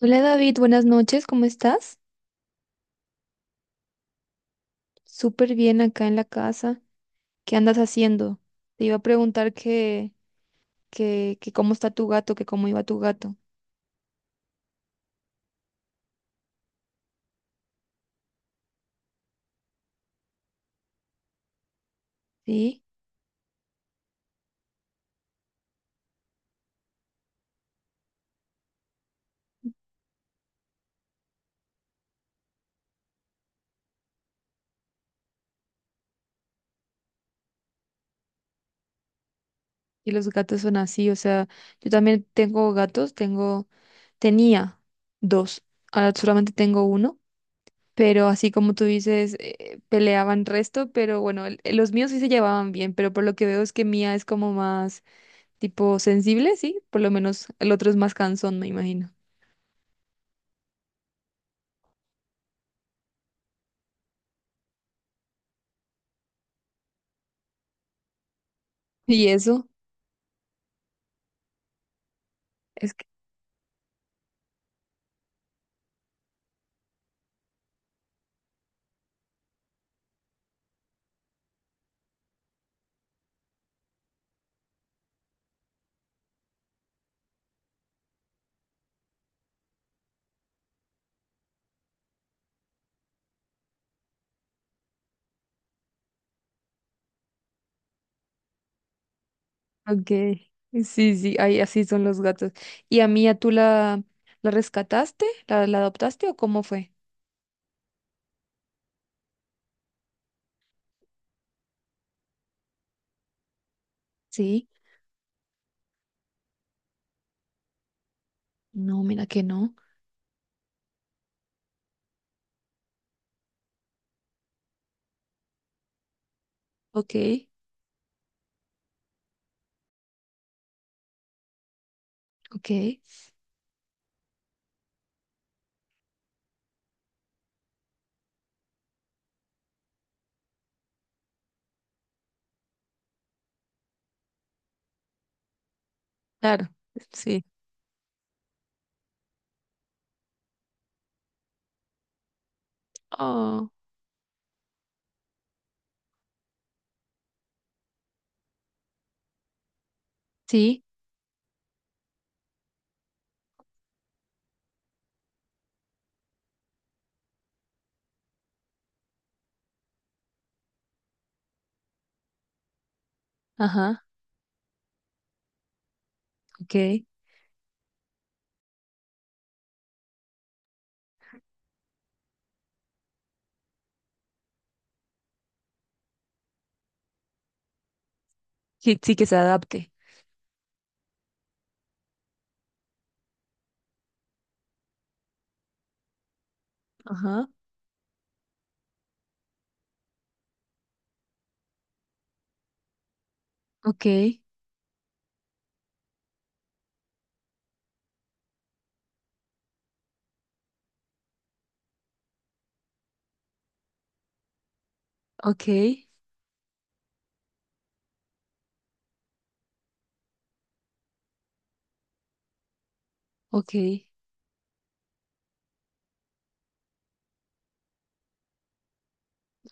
Hola David, buenas noches, ¿cómo estás? Súper bien acá en la casa. ¿Qué andas haciendo? Te iba a preguntar que cómo está tu gato, que cómo iba tu gato. Sí, y los gatos son así, o sea, yo también tengo gatos, tengo, tenía dos, ahora solamente tengo uno, pero así como tú dices, peleaban resto, pero bueno, los míos sí se llevaban bien, pero por lo que veo es que Mía es como más tipo sensible, sí, por lo menos el otro es más cansón, me imagino. ¿Y eso? Es que, okay. Sí, sí, ahí así son los gatos. ¿Y a Mía tú la rescataste? La adoptaste o cómo fue? Sí. No, mira que no. Ok, ok. Claro, sí. Oh, sí, ajá, ok. Sí, sí que se adapte. Ajá, ok, ok, ok,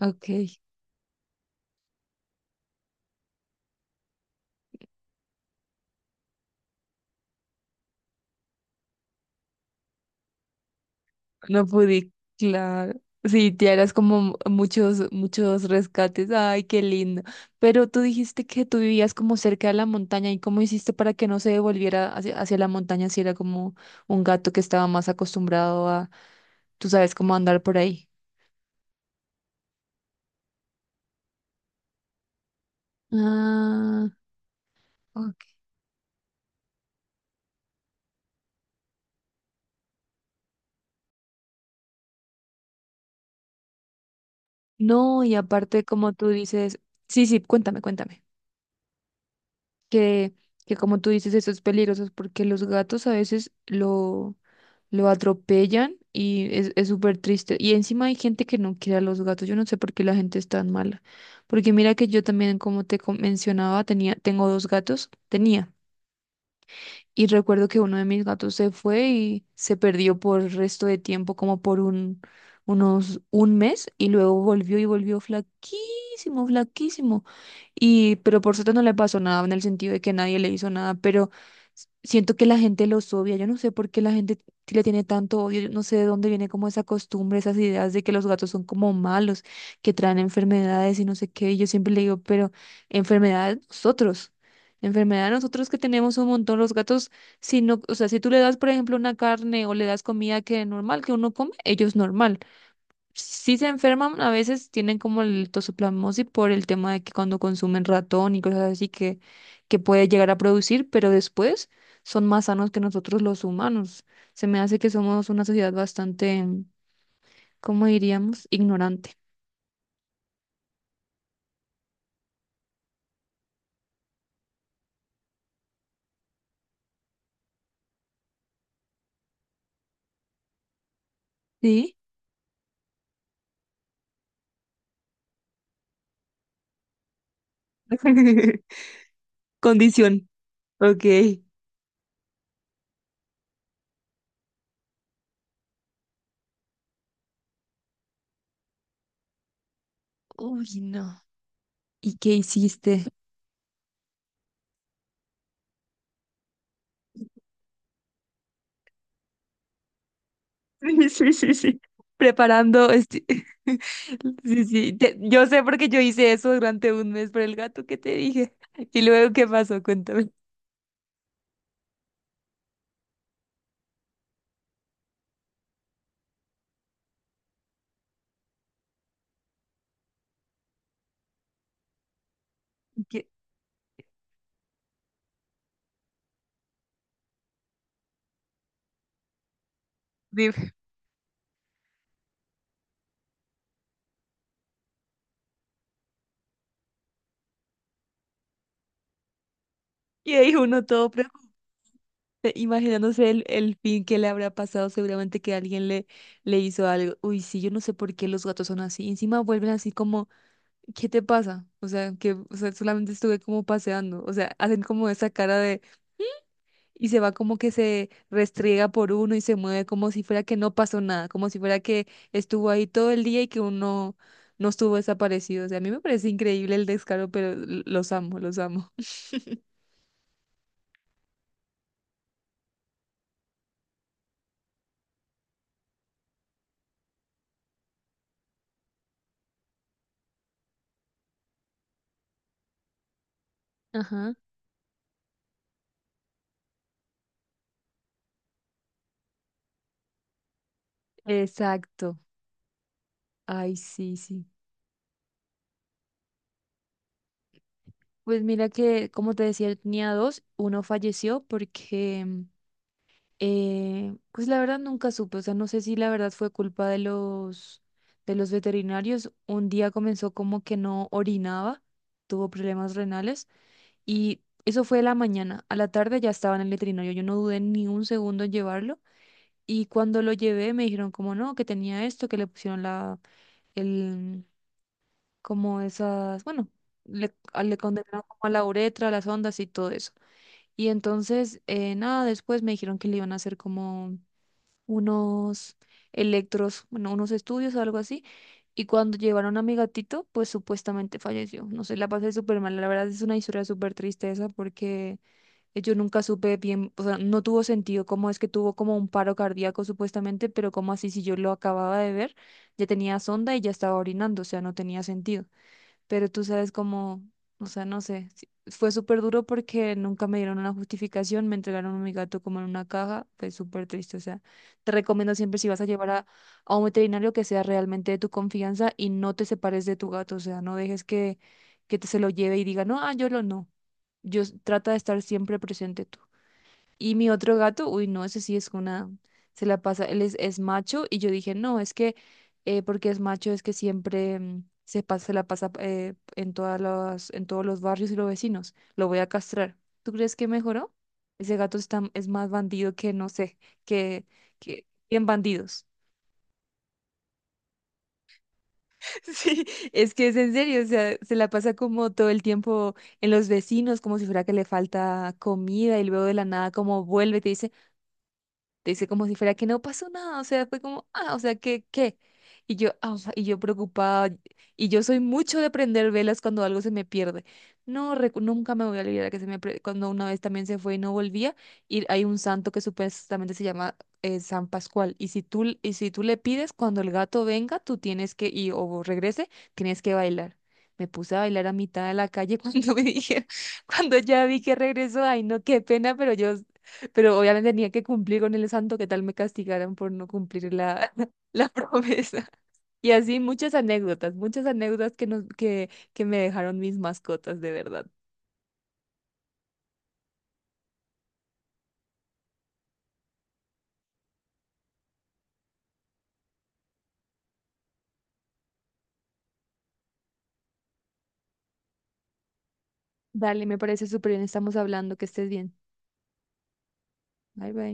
ok. No pude, claro. Sí, te harás como muchos, muchos rescates. Ay, qué lindo. Pero tú dijiste que tú vivías como cerca de la montaña. ¿Y cómo hiciste para que no se devolviera hacia la montaña si era como un gato que estaba más acostumbrado a, tú sabes, cómo andar por ahí? Ah, ok. No, y aparte, como tú dices, sí, sí, cuéntame, cuéntame. Que, que como tú dices, eso es peligroso porque los gatos a veces lo atropellan y es súper triste. Y encima hay gente que no quiere a los gatos. Yo no sé por qué la gente es tan mala. Porque mira que yo también, como te mencionaba, tenía, tengo dos gatos. Tenía. Y recuerdo que uno de mis gatos se fue y se perdió por el resto de tiempo, como por un mes, y luego volvió y volvió flaquísimo, flaquísimo. Y, pero por suerte no le pasó nada en el sentido de que nadie le hizo nada, pero siento que la gente los odia. Yo no sé por qué la gente le tiene tanto odio. Yo no sé de dónde viene como esa costumbre, esas ideas de que los gatos son como malos, que traen enfermedades y no sé qué. Y yo siempre le digo, pero enfermedades nosotros. Enfermedad, nosotros que tenemos un montón, los gatos, si no, o sea, si tú le das, por ejemplo, una carne o le das comida que es normal, que uno come, ellos normal. Si se enferman, a veces tienen como el toxoplasmosis por el tema de que cuando consumen ratón y cosas así que puede llegar a producir, pero después son más sanos que nosotros los humanos. Se me hace que somos una sociedad bastante, ¿cómo diríamos? Ignorante. ¿Sí? Condición. Ok. Uy, no. ¿Y qué hiciste? Sí, sí, sí, sí. Preparando, este... sí, sí. Yo sé porque yo hice eso durante un mes por el gato que te dije. Y luego, ¿qué pasó? Cuéntame. ¿Qué- Dime. Y ahí uno todo preocupado, imaginándose el fin que le habrá pasado, seguramente que alguien le hizo algo. Uy, sí, yo no sé por qué los gatos son así. Encima vuelven así como, ¿qué te pasa? O sea, que o sea, solamente estuve como paseando. O sea, hacen como esa cara de y se va como que se restriega por uno y se mueve como si fuera que no pasó nada, como si fuera que estuvo ahí todo el día y que uno no estuvo desaparecido. O sea, a mí me parece increíble el descaro, pero los amo, los amo. Ajá. Exacto. Ay, sí, sí. Pues mira que, como te decía, yo tenía dos, uno falleció porque, pues la verdad nunca supe, o sea, no sé si la verdad fue culpa de de los veterinarios. Un día comenzó como que no orinaba, tuvo problemas renales. Y eso fue la mañana. A la tarde ya estaba en el veterinario. Yo no dudé ni un segundo en llevarlo. Y cuando lo llevé me dijeron como no, que tenía esto, que le pusieron el, como esas, bueno, le condenaron como a la uretra, las ondas y todo eso. Y entonces, nada, después me dijeron que le iban a hacer como unos electros, bueno, unos estudios o algo así. Y cuando llevaron a mi gatito, pues supuestamente falleció. No sé, la pasé súper mal. La verdad es una historia súper triste esa porque yo nunca supe bien, o sea, no tuvo sentido cómo es que tuvo como un paro cardíaco supuestamente, pero como así si yo lo acababa de ver, ya tenía sonda y ya estaba orinando, o sea, no tenía sentido, pero tú sabes cómo, o sea, no sé, sí, fue súper duro porque nunca me dieron una justificación, me entregaron a mi gato como en una caja, fue súper triste, o sea, te recomiendo siempre si vas a llevar a un veterinario que sea realmente de tu confianza y no te separes de tu gato, o sea, no dejes que te se lo lleve y diga, no, ah, yo lo no, trata de estar siempre presente tú. Y mi otro gato, uy, no, ese sí se la pasa, es macho y yo dije, no, es que porque es macho es que siempre se la pasa en en todos los barrios y los vecinos, lo voy a castrar. ¿Tú crees que mejoró? Ese gato está, es más bandido que, no sé, que, que, bien bandidos. Sí, es que es en serio, o sea, se la pasa como todo el tiempo en los vecinos, como si fuera que le falta comida y luego de la nada como vuelve y te dice... Te dice como si fuera que no pasó nada, o sea, fue como, ah, o sea, ¿qué, qué? Y yo, ah, y yo preocupada, y yo soy mucho de prender velas cuando algo se me pierde. No, nunca me voy a olvidar que se me, cuando una vez también se fue y no volvía, y hay un santo que supuestamente se llama San Pascual, y si y si tú le pides, cuando el gato venga, tú tienes o regrese, tienes que bailar. Me puse a bailar a mitad de la calle cuando me dijeron, cuando ya vi que regresó, ay, no, qué pena, pero yo, pero obviamente tenía que cumplir con el santo, que tal me castigaran por no cumplir la, la promesa. Y así muchas anécdotas que me dejaron mis mascotas, de verdad. Dale, me parece súper bien, estamos hablando, que estés bien. Bye bye.